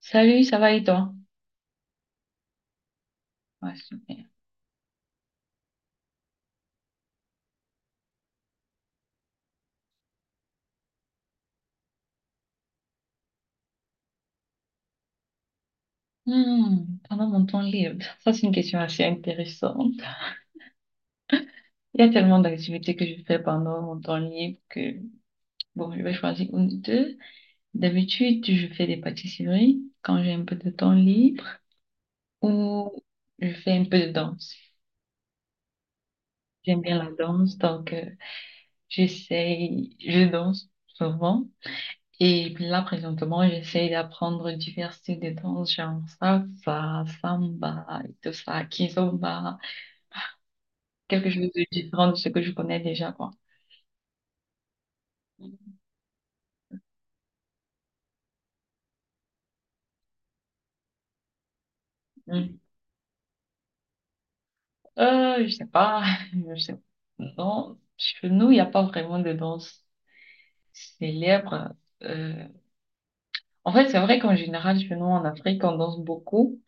Salut, ça va et toi? Ouais, super. Hmm, pendant mon temps libre, ça c'est une question assez intéressante. Il y a tellement d'activités que je fais pendant mon temps libre que, bon, je vais choisir une ou deux. D'habitude, je fais des pâtisseries quand j'ai un peu de temps libre ou je fais un peu de danse. J'aime bien la danse, donc j'essaye, je danse souvent. Et puis là, présentement, j'essaye d'apprendre divers styles de danse, genre salsa, samba et tout ça, kizomba. Quelque chose de différent de ce que je connais déjà, quoi. Mm. Je sais pas, je sais. Non, chez nous, il n'y a pas vraiment de danse célèbre. Euh, En fait, c'est vrai qu'en général, chez nous, en Afrique, on danse beaucoup.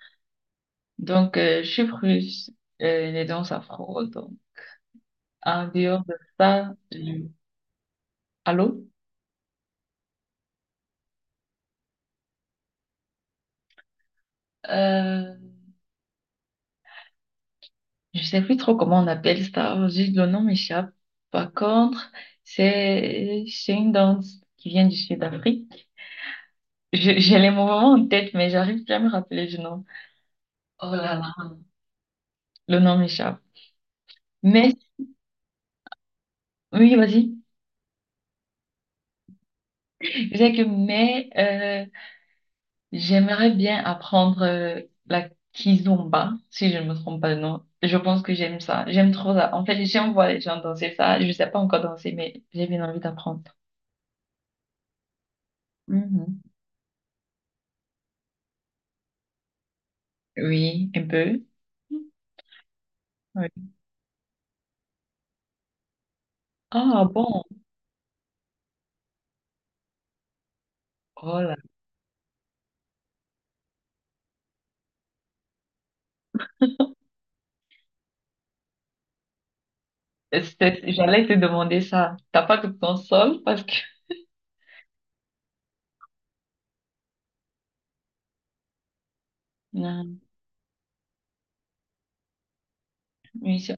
Donc, je suis russe, les danses afro. Donc, en dehors de ça, je- allô? Euh, je sais plus trop comment on appelle ça. Juste le nom m'échappe. Par contre, c'est une danse qui vient du Sud-Afrique. Je- J'ai les moments en tête, mais j'arrive plus à me rappeler du nom. Oh là là, le nom m'échappe. Mais, oui, vas-y. Je sais que, mais, j'aimerais bien apprendre la kizomba, si je ne me trompe pas de nom. Je pense que j'aime ça. J'aime trop ça. En fait, j'aime voir les gens danser ça. Je ne sais pas encore danser, mais j'ai bien envie d'apprendre. Mhm. Oui, un peu. Oui. Ah bon, oh là, C'était- j'allais te demander ça. T'as pas de console parce que... Non. Oui, c'est.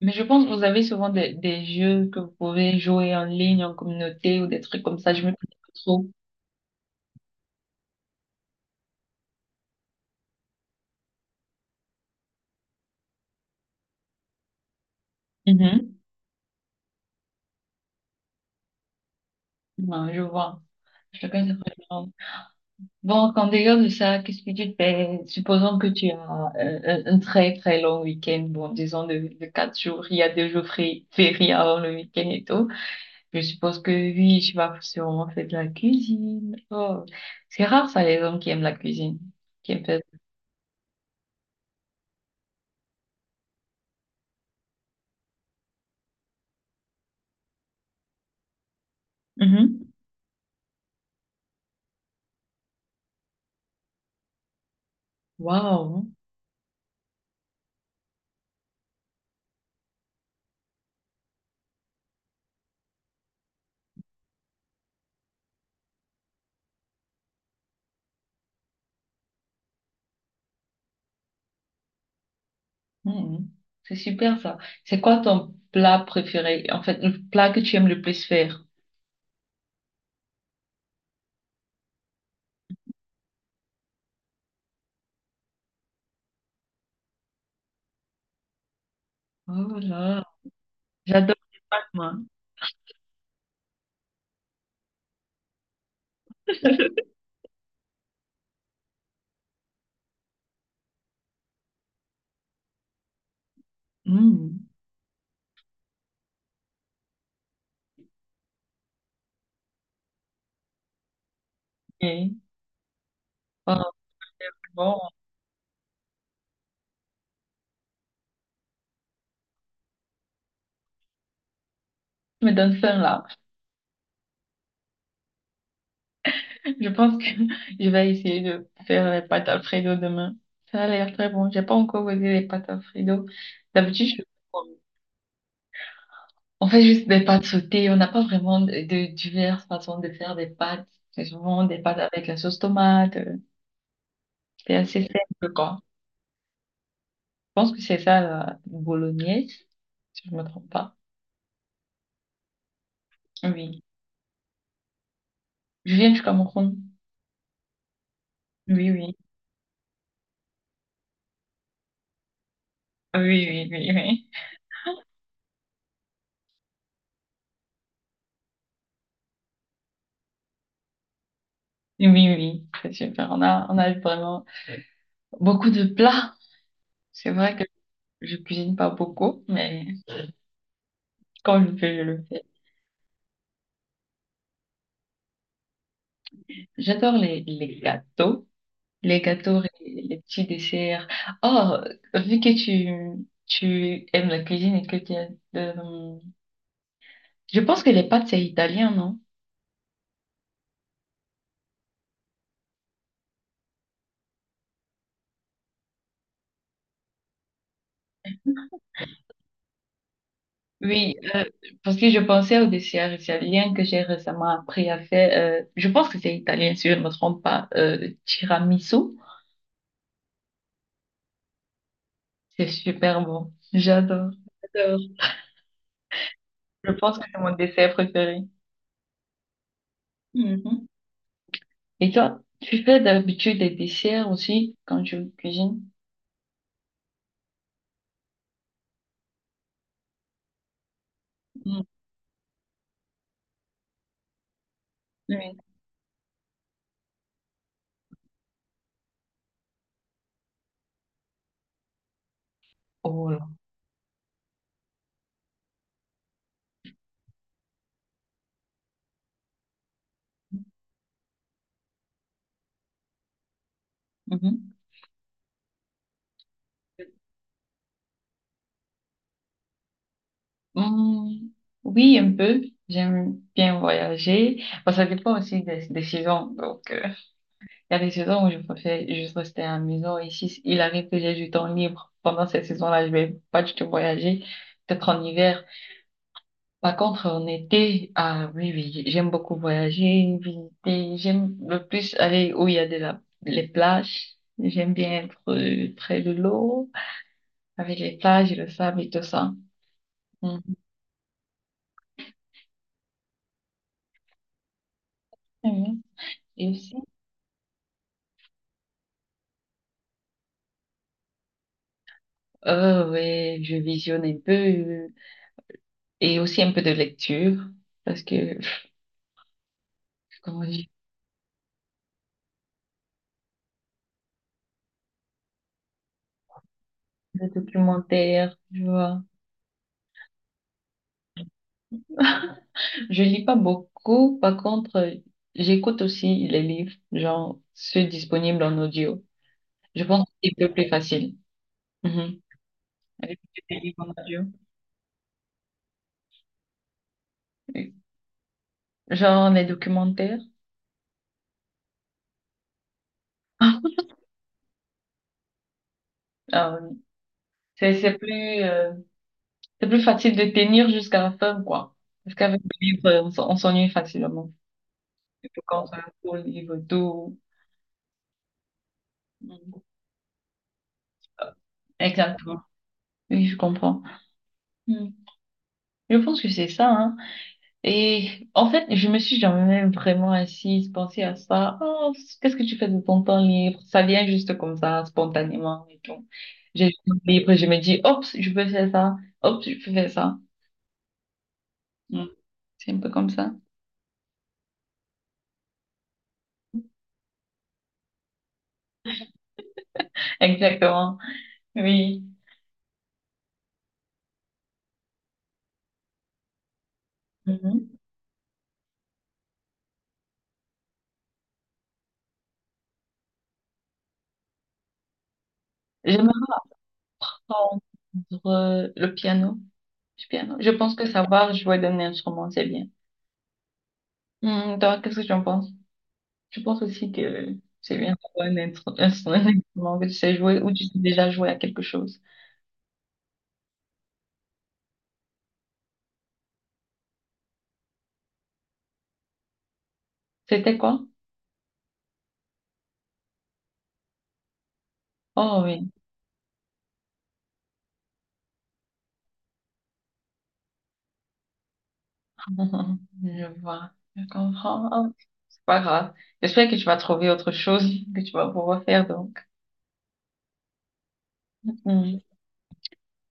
Mais je pense que vous avez souvent des jeux que vous pouvez jouer en ligne, en communauté ou des trucs comme ça. Je me connais pas trop. Mhm. Ouais, je vois. Chacun ses préférences. Bon, en dehors de ça, qu'est-ce que tu fais? Supposons que tu as un très très long week-end, bon, disons de quatre jours, il y a deux jours fériés avant le week-end et tout. Je suppose que oui, tu vas sûrement faire de la cuisine. Oh. C'est rare ça, les hommes qui aiment la cuisine, qui aiment faire. Mhm. Waouh. Mhm. C'est super ça. C'est quoi ton plat préféré? En fait, le plat que tu aimes le plus faire? Oh là, j'adore les pâtes, moi. Mhm. Ok. Oh, bon, tu me donnes faim là. Je pense que je vais essayer de faire les pâtes Alfredo demain. Ça a l'air très bon. J'ai pas encore goûté les pâtes Alfredo. D'habitude, je... on fait juste des pâtes sautées. On n'a pas vraiment de diverses façons de faire des pâtes. C'est souvent des pâtes avec la sauce tomate. C'est assez simple, quoi. Pense que c'est ça, la bolognaise, si je me trompe pas. Oui, je viens du Cameroun. Oui, oui, oui, oui, oui, oui, oui, oui, c'est super. On a vraiment beaucoup de plats. C'est vrai que je cuisine pas beaucoup, mais quand je fais, je le fais. J'adore les gâteaux. Les gâteaux, les petits desserts. Oh, vu que tu aimes la cuisine et que tu as, euh, je pense que les pâtes, c'est italien, non? Oui, parce que je pensais au dessert italien que j'ai récemment appris à faire. Je pense que c'est italien, si je ne me trompe pas. Le tiramisu, c'est super bon. J'adore, j'adore. Je pense que c'est mon dessert préféré. Mhm. Et toi, tu fais d'habitude des desserts aussi quand tu cuisines? Mhm. Oui. Oh là. Mhm. Hmm, oui, un peu. J'aime bien voyager. Bon, ça dépend aussi des saisons. Donc, il y a des saisons où je préfère juste rester à la maison. Et si il arrive que j'ai du temps libre pendant cette saison là je vais pas du tout voyager, peut-être en hiver. Par contre, en été, ah oui, oui, j'aime beaucoup voyager, visiter. J'aime le plus aller où il y a de la, les plages. J'aime bien être près de l'eau, avec les plages et le sable et tout ça. Mhm. Mhm. Et aussi, ouais, je visionne un peu et aussi un peu de lecture parce que comment dire, des documentaires, tu vois. Je lis pas beaucoup, par contre, j'écoute aussi les livres, genre ceux disponibles en audio. Je pense que c'est un peu plus facile. Mhm. Écouter des livres en audio. Oui. Genre les documentaires. euh, c'est plus, c'est plus facile de tenir jusqu'à la fin, quoi. Parce qu'avec le livre, on on s'ennuie facilement. Surtout quand c'est un gros livre doux. Mhm. Exactement. Oui, je comprends. Mhm. Je pense que c'est ça, hein. Et en fait, je me suis jamais vraiment assise, pensée à ça. Oh, qu'est-ce que tu fais de ton temps libre? Ça vient juste comme ça, spontanément et tout. J'ai le temps libre, je me dis, hop, je peux faire ça. Hop, je peux faire ça. Mm. C'est un peu comme ça. Exactement. Oui. Mhm. J'aimerais entendre le piano. Du piano. Je pense que savoir jouer d'un instrument, c'est bien. Mm, toi, qu'est-ce que tu en penses? Je pense aussi que c'est bien d'avoir un un un instrument que tu sais jouer ou tu sais déjà jouer à quelque chose. C'était quoi? Oh oui, je vois, je comprends. Oh, c'est pas grave. J'espère que tu vas trouver autre chose que tu vas pouvoir faire donc. Hmm.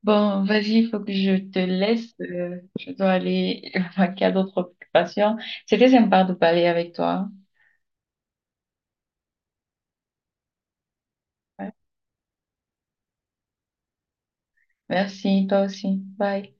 Bon, vas-y, il faut que je te laisse. Je dois aller vaquer à d'autres occupations. C'était sympa de parler avec toi. Ouais. Merci, toi aussi. Bye.